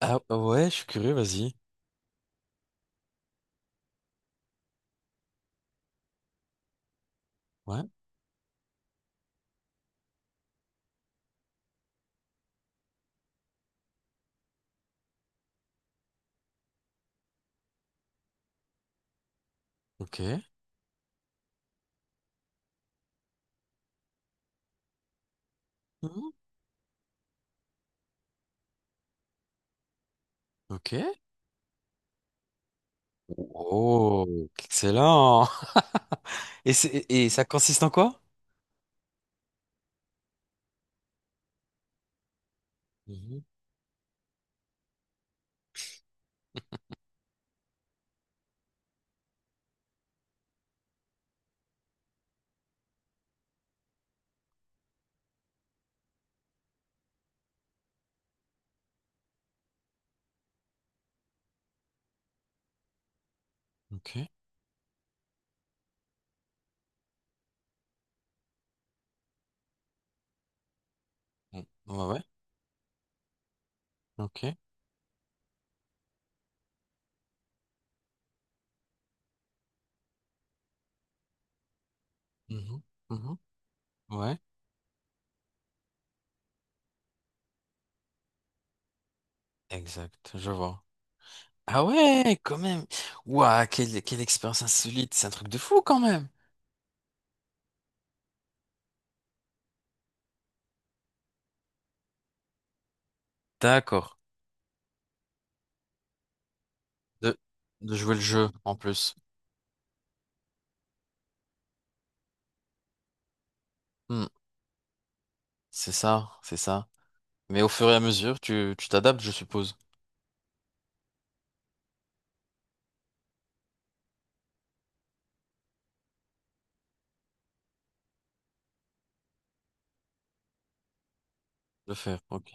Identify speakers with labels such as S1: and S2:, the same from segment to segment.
S1: Ah ouais, je suis curieux, vas-y. Ouais, ok. Mhm. Ok. Oh, excellent. Et ça consiste en quoi? Mhm. Ok. Mm. Ouais, ouais. Ok. Mhm. Mhm. Ouais. Exact, je vois. Ah ouais, quand même. Ouah, quelle expérience insolite. C'est un truc de fou quand même. D'accord. De, de jouer le jeu en plus. Hmm. C'est ça, c'est ça. Mais au fur et à mesure, tu t'adaptes, je suppose. De faire, ok.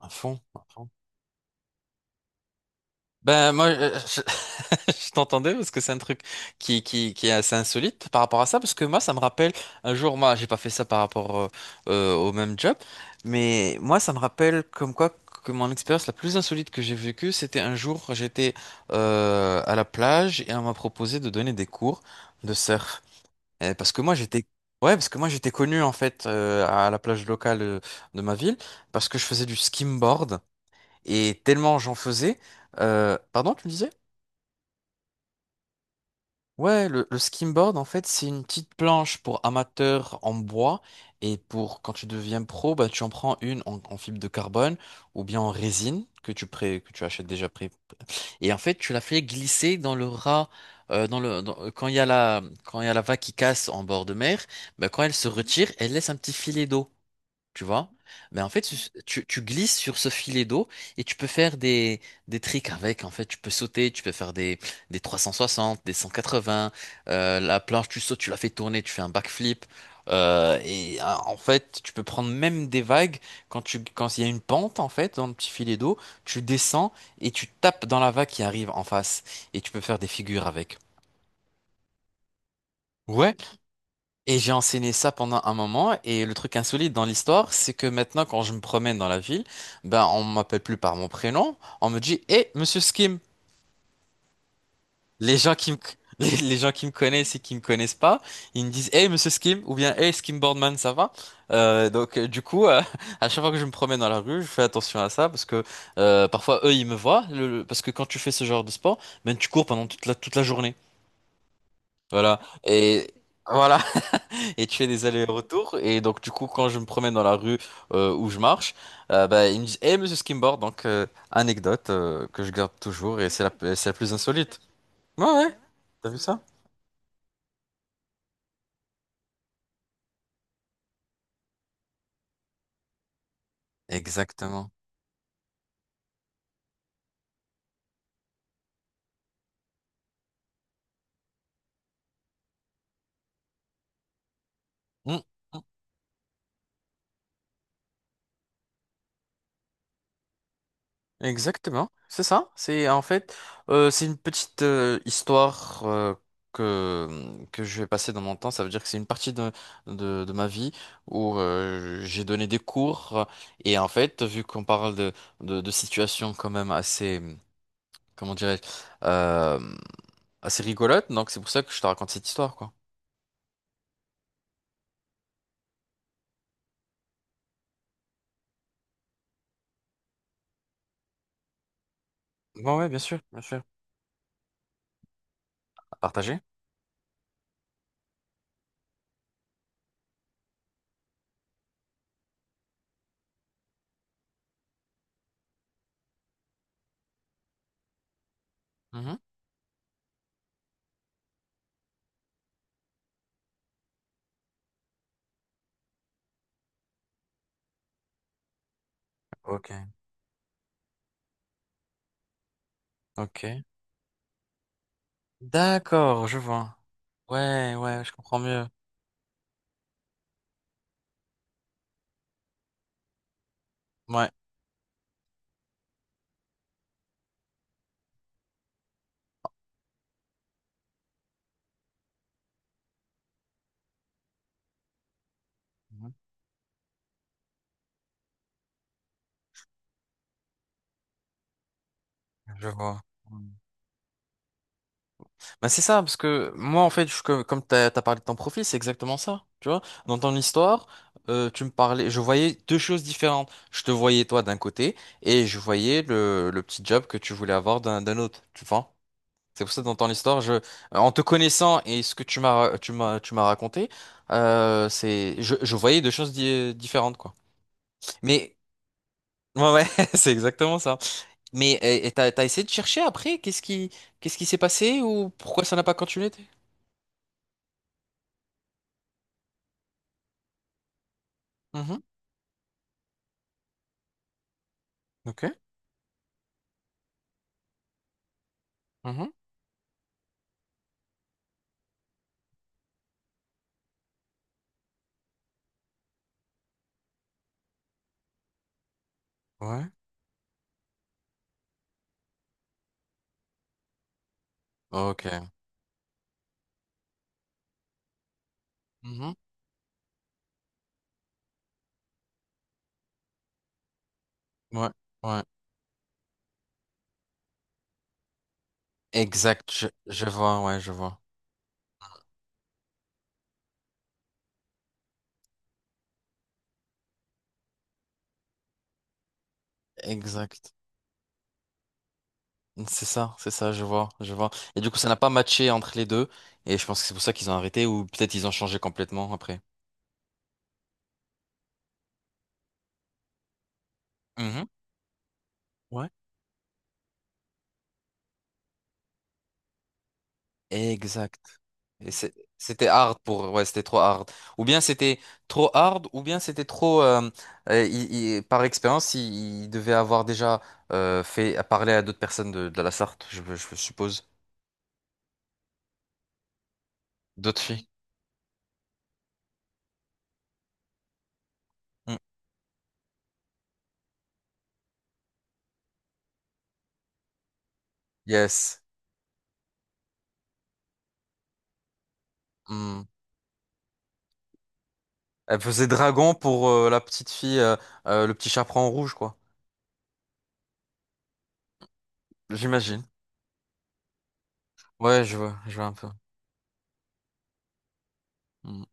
S1: À fond, à fond. Ben moi, je, je t'entendais parce que c'est un truc qui est assez insolite par rapport à ça, parce que moi, ça me rappelle un jour, moi, j'ai pas fait ça par rapport au même job, mais moi, ça me rappelle comme quoi que mon expérience la plus insolite que j'ai vécue, c'était un jour, j'étais à la plage et on m'a proposé de donner des cours de surf. Parce que moi, j'étais. Ouais, parce que moi j'étais connu en fait à la plage locale de ma ville parce que je faisais du skimboard. Et tellement j'en faisais. Pardon, tu me disais? Ouais, le skimboard, en fait, c'est une petite planche pour amateurs en bois. Et pour quand tu deviens pro, bah, tu en prends une en, en fibre de carbone ou bien en résine que que tu achètes déjà prêt. Et en fait, tu la fais glisser dans le ras. Quand il y a la, quand il y a la vague qui casse en bord de mer, bah, quand elle se retire, elle laisse un petit filet d'eau. Tu vois. Mais en fait, tu glisses sur ce filet d'eau et tu peux faire des tricks avec. En fait, tu peux sauter, tu peux faire des 360, des 180. La planche, tu sautes, tu la fais tourner, tu fais un backflip. En fait, tu peux prendre même des vagues quand tu, quand il y a une pente, en fait, dans le petit filet d'eau, tu descends et tu tapes dans la vague qui arrive en face. Et tu peux faire des figures avec. Ouais. Et j'ai enseigné ça pendant un moment. Et le truc insolite dans l'histoire, c'est que maintenant, quand je me promène dans la ville, ben, on m'appelle plus par mon prénom. On me dit, Eh, Monsieur Skim. Les gens qui me, les gens qui me connaissent et qui me connaissent pas, ils me disent, Eh, Monsieur Skim, ou bien, Eh, Skim Boardman, ça va? Euh, donc, euh, du coup, euh, à chaque fois que je me promène dans la rue, je fais attention à ça parce que parfois, eux, ils me voient. Parce que quand tu fais ce genre de sport, ben, tu cours pendant toute la journée. Voilà. Et voilà. Et tu fais des allers-retours. Et donc, du coup, quand je me promène dans la rue où je marche, bah, ils me disent, hey monsieur Skimboard, donc anecdote que je garde toujours et c'est la plus insolite. Ouais, ouais, t'as vu ça? Exactement. Mm, mm. Exactement, c'est ça. C'est en fait, c'est une petite histoire que que je vais passer dans mon temps. Ça veut dire que c'est une partie de ma vie où j'ai donné des cours et en fait, vu qu'on parle de situations quand même assez comment dirais-je, euh, assez rigolote. Donc c'est pour ça que je te raconte cette histoire, quoi. Bon, ouais, bien sûr, bien sûr. À partager? Mhm. Ok, ok. D'accord, je vois. Ouais, ouais, je comprends mieux. Ouais. Mhm. Je vois. Mm. Bah, c'est ça, parce que moi, en fait, comme t'as parlé de ton profil, c'est exactement ça. Tu vois, dans ton histoire, tu me parlais, je voyais deux choses différentes. Je te voyais toi d'un côté et je voyais le petit job que tu voulais avoir d'un autre, tu vois. C'est pour ça que dans ton histoire, en te connaissant et ce que tu m'as raconté, je voyais deux choses différentes, quoi. Mais ouais, ouais, c'est exactement ça. Mais et t'as essayé de chercher après, qu'est-ce qui s'est passé ou pourquoi ça n'a pas continué? T'es-. Mhm. Ok. Mhm. Ouais. Ok. Mhm. Ouais. Ouais. Exact. Je vois. Ouais, je vois. Exact. C'est ça, je vois, je vois. Et du coup, ça n'a pas matché entre les deux, et je pense que c'est pour ça qu'ils ont arrêté, ou peut-être ils ont changé complètement après. Mhm. Ouais. Exact. C'était hard pour, ouais, c'était trop hard. Ou bien c'était trop hard, ou bien c'était trop, par expérience, il devait avoir déjà fait à parler à d'autres personnes de la Sarthe, je suppose, d'autres filles. Mm. Yes. Hmm. Elle faisait dragon pour la petite fille, le petit chaperon rouge, quoi. J'imagine. Ouais, je vois un peu. Mm.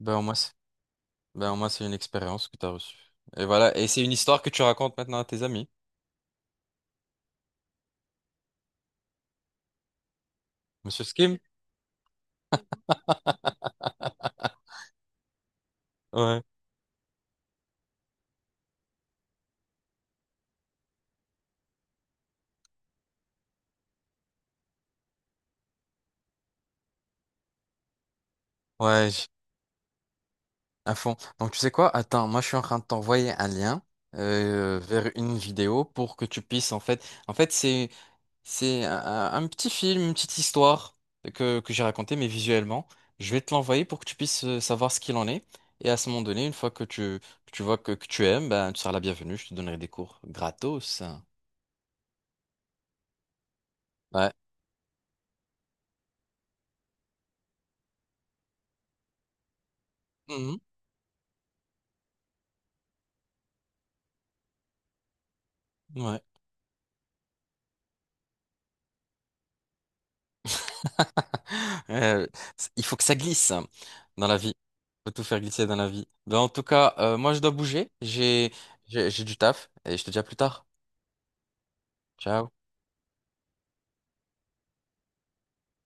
S1: Ben, au moins, c'est- ben, au moins, c'est une expérience que tu as reçue. Et voilà, et c'est une histoire que tu racontes maintenant à tes amis. Monsieur Skim? Ouais. Ouais, j- à fond. Donc, tu sais quoi? Attends, moi, je suis en train de t'envoyer un lien vers une vidéo pour que tu puisses, en fait... En fait, c'est un petit film, une petite histoire que j'ai racontée, mais visuellement. Je vais te l'envoyer pour que tu puisses savoir ce qu'il en est. Et à ce moment donné, une fois que tu vois que tu aimes, ben, tu seras la bienvenue. Je te donnerai des cours gratos. Ouais. Mhm. Ouais. Euh, il faut que ça glisse hein, dans la vie. Il faut tout faire glisser dans la vie. Ben, en tout cas, moi, je dois bouger. J'ai du taf et je te dis à plus tard. Ciao.